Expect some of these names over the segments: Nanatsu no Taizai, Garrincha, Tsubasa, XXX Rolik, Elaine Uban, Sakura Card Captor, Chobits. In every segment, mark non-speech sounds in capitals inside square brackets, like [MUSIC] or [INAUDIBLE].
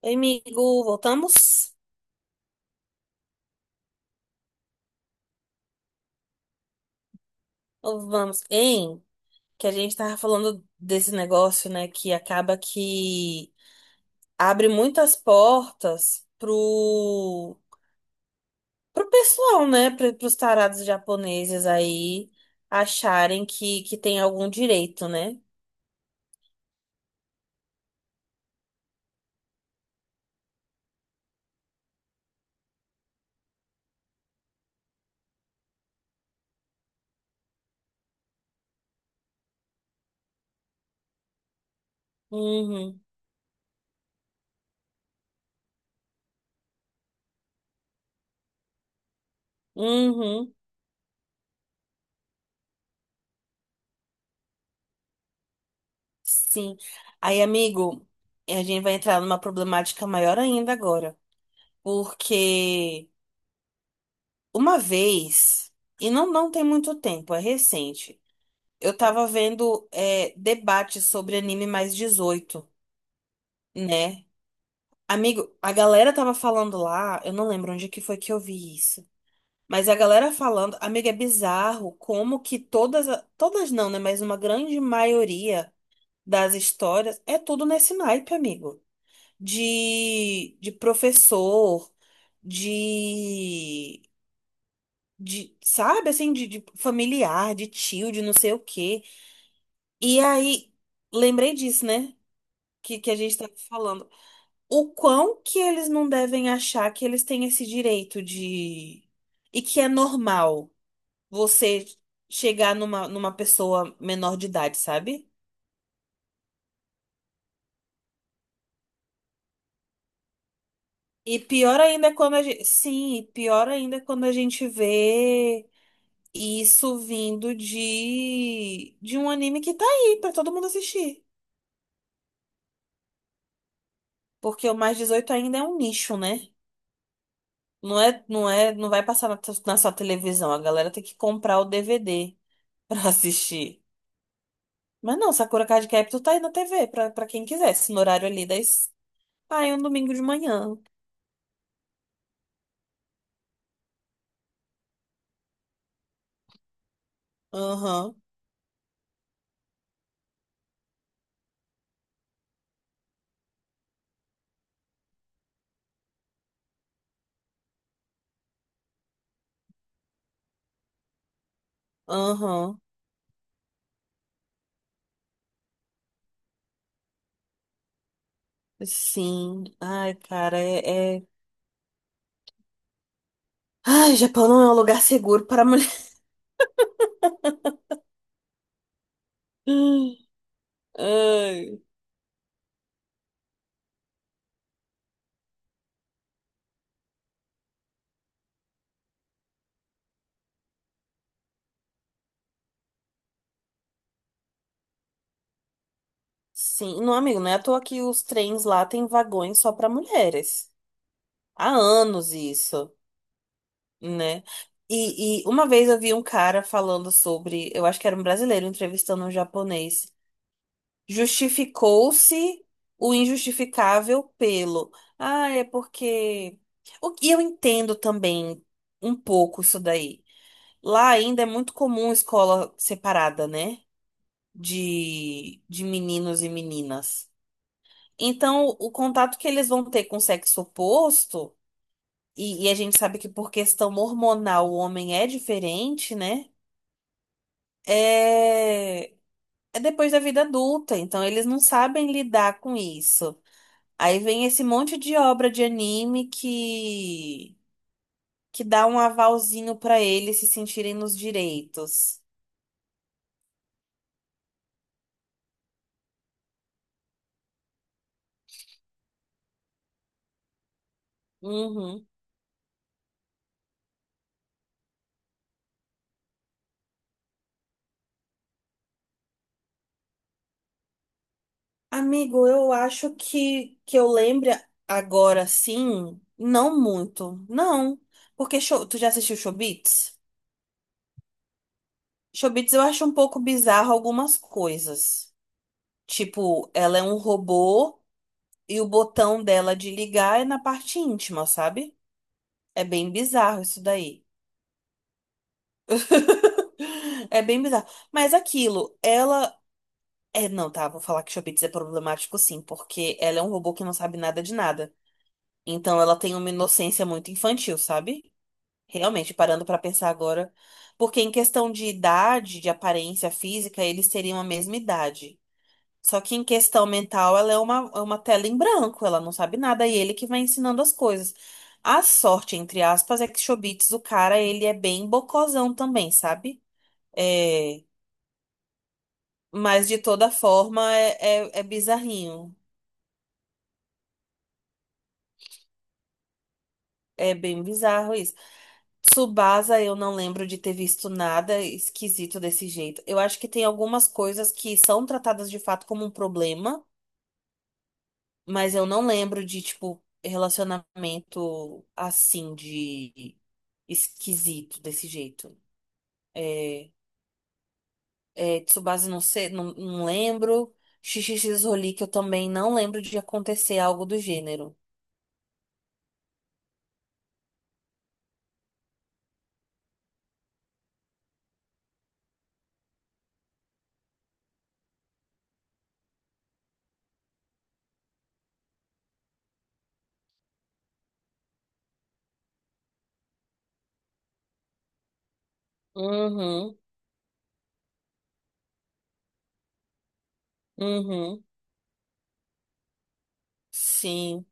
Oi, amigo, voltamos? Ou vamos? Hein? Que a gente tava falando desse negócio, né? Que acaba que abre muitas portas pro pessoal, né? Pros tarados japoneses aí acharem que tem algum direito, né? Uhum, uhum, sim. Aí, amigo, a gente vai entrar numa problemática maior ainda agora. Porque uma vez, e não tem muito tempo, é recente. Eu tava vendo debate sobre anime mais 18, né? Amigo, a galera tava falando lá, eu não lembro onde que foi que eu vi isso. Mas a galera falando, amigo, é bizarro como que todas, todas não, né? Mas uma grande maioria das histórias é tudo nesse naipe, amigo. De professor, de, sabe, assim, de familiar, de tio, de não sei o quê. E aí, lembrei disso, né? Que a gente estava falando. O quão que eles não devem achar que eles têm esse direito de. E que é normal você chegar numa, numa pessoa menor de idade, sabe? E pior ainda é quando a gente. Sim, e pior ainda é quando a gente vê isso vindo de um anime que tá aí pra todo mundo assistir. Porque o mais 18 ainda é um nicho, né? Não vai passar na sua televisão. A galera tem que comprar o DVD pra assistir. Mas não, Sakura Card Captor tá aí na TV pra, pra quem quisesse, no horário ali das. Ai, um domingo de manhã. Aham, aham. Sim. Ai, cara, ai, Japão não é um lugar seguro para mulher. [LAUGHS] Ai. Sim, não, amigo, não é à toa que os trens lá têm vagões só para mulheres. Há anos isso, né? E uma vez eu vi um cara falando sobre. Eu acho que era um brasileiro entrevistando um japonês. Justificou-se o injustificável pelo. Ah, é porque. O que eu entendo também um pouco isso daí. Lá ainda é muito comum escola separada, né? De meninos e meninas. Então, o contato que eles vão ter com o sexo oposto, e a gente sabe que por questão hormonal o homem é diferente, né? É, é depois da vida adulta. Então, eles não sabem lidar com isso. Aí vem esse monte de obra de anime que dá um avalzinho pra eles se sentirem nos direitos. Uhum. Amigo, eu acho que eu lembre agora sim, não muito. Não, porque tu já assistiu Chobits? Chobits, eu acho um pouco bizarro algumas coisas. Tipo, ela é um robô e o botão dela de ligar é na parte íntima, sabe? É bem bizarro isso daí. [LAUGHS] É bem bizarro. Mas aquilo, ela. É, não, tá, vou falar que Chobits é problemático sim, porque ela é um robô que não sabe nada de nada. Então ela tem uma inocência muito infantil, sabe? Realmente, parando pra pensar agora. Porque em questão de idade, de aparência física, eles teriam a mesma idade. Só que em questão mental, ela é é uma tela em branco, ela não sabe nada, e ele que vai ensinando as coisas. A sorte, entre aspas, é que Chobits, o cara, ele é bem bocozão também, sabe? É, mas de toda forma é, é bizarrinho. É bem bizarro isso. Tsubasa, eu não lembro de ter visto nada esquisito desse jeito. Eu acho que tem algumas coisas que são tratadas de fato como um problema, mas eu não lembro de, tipo, relacionamento assim, de esquisito desse jeito. É, é, Tsubasa, não sei, não lembro. XXX Rolik, eu também não lembro de acontecer algo do gênero. Uhum, uhum. Sim.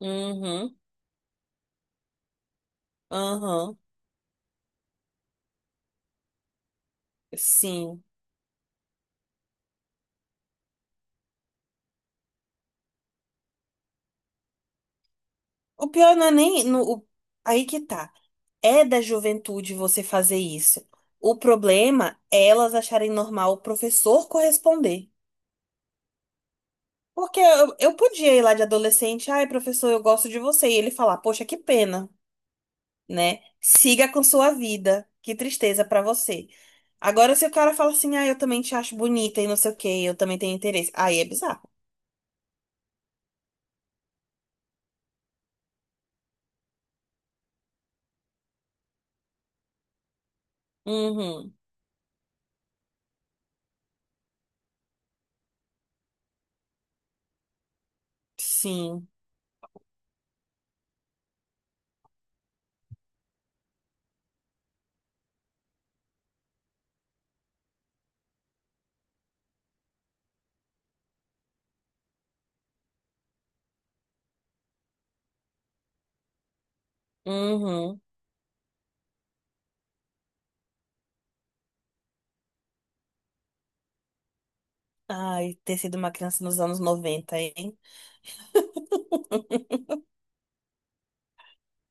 Uhum. Aham. Sim. O pior não é nem. No, o- aí que tá. É da juventude você fazer isso. O problema é elas acharem normal o professor corresponder. Porque eu podia ir lá de adolescente, ai, professor, eu gosto de você. E ele falar, poxa, que pena, né? Siga com sua vida. Que tristeza pra você. Agora, se o cara fala assim, ah, eu também te acho bonita e não sei o quê, eu também tenho interesse. Aí é bizarro. Uhum. Sim. Uhum. Ai, ter sido uma criança nos anos 90, hein?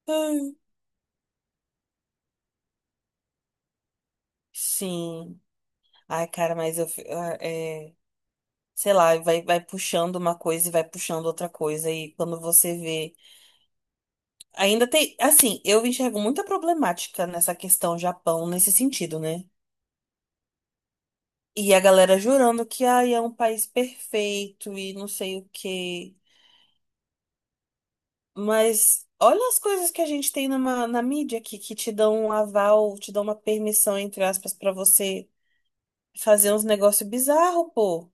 Ai, sim. Ai, cara, mas eu. Fi- ah, É, sei lá, vai, vai puxando uma coisa e vai puxando outra coisa. E quando você vê. Ainda tem. Assim, eu enxergo muita problemática nessa questão Japão, nesse sentido, né? E a galera jurando que ai, é um país perfeito e não sei o quê. Mas olha as coisas que a gente tem na mídia aqui, que te dão um aval, te dão uma permissão, entre aspas, pra você fazer uns negócios bizarros, pô.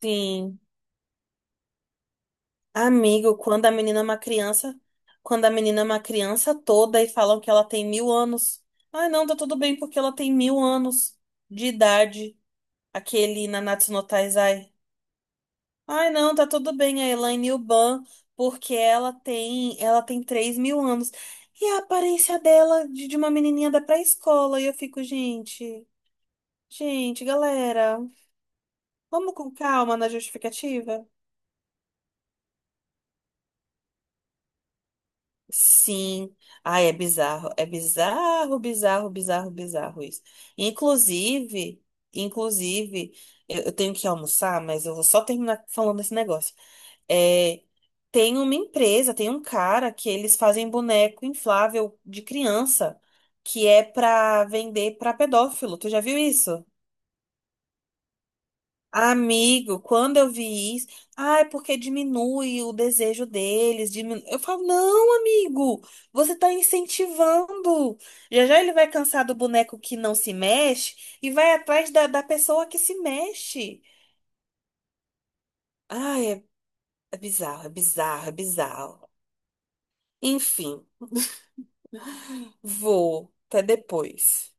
Sim. Amigo, quando a menina é uma criança, quando a menina é uma criança toda e falam que ela tem 1.000 anos. Ai, não, tá tudo bem porque ela tem mil anos de idade. Aquele Nanatsu no Taizai. Ai, não, tá tudo bem a Elaine Uban, porque ela tem 3.000 anos. E a aparência dela de uma menininha da pré-escola. E eu fico, gente, gente, galera, vamos com calma na justificativa? Sim. Ai, é bizarro. É bizarro, bizarro, bizarro, bizarro isso. Inclusive, inclusive, eu tenho que almoçar, mas eu vou só terminar falando esse negócio. É, tem uma empresa, tem um cara que eles fazem boneco inflável de criança, que é pra vender pra pedófilo. Tu já viu isso? Amigo, quando eu vi isso, ah, é porque diminui o desejo deles. Diminui... Eu falo, não, amigo, você tá incentivando. Já já ele vai cansar do boneco que não se mexe e vai atrás da pessoa que se mexe. Ai, é, é bizarro, é bizarro, é bizarro. Enfim, vou. Até depois.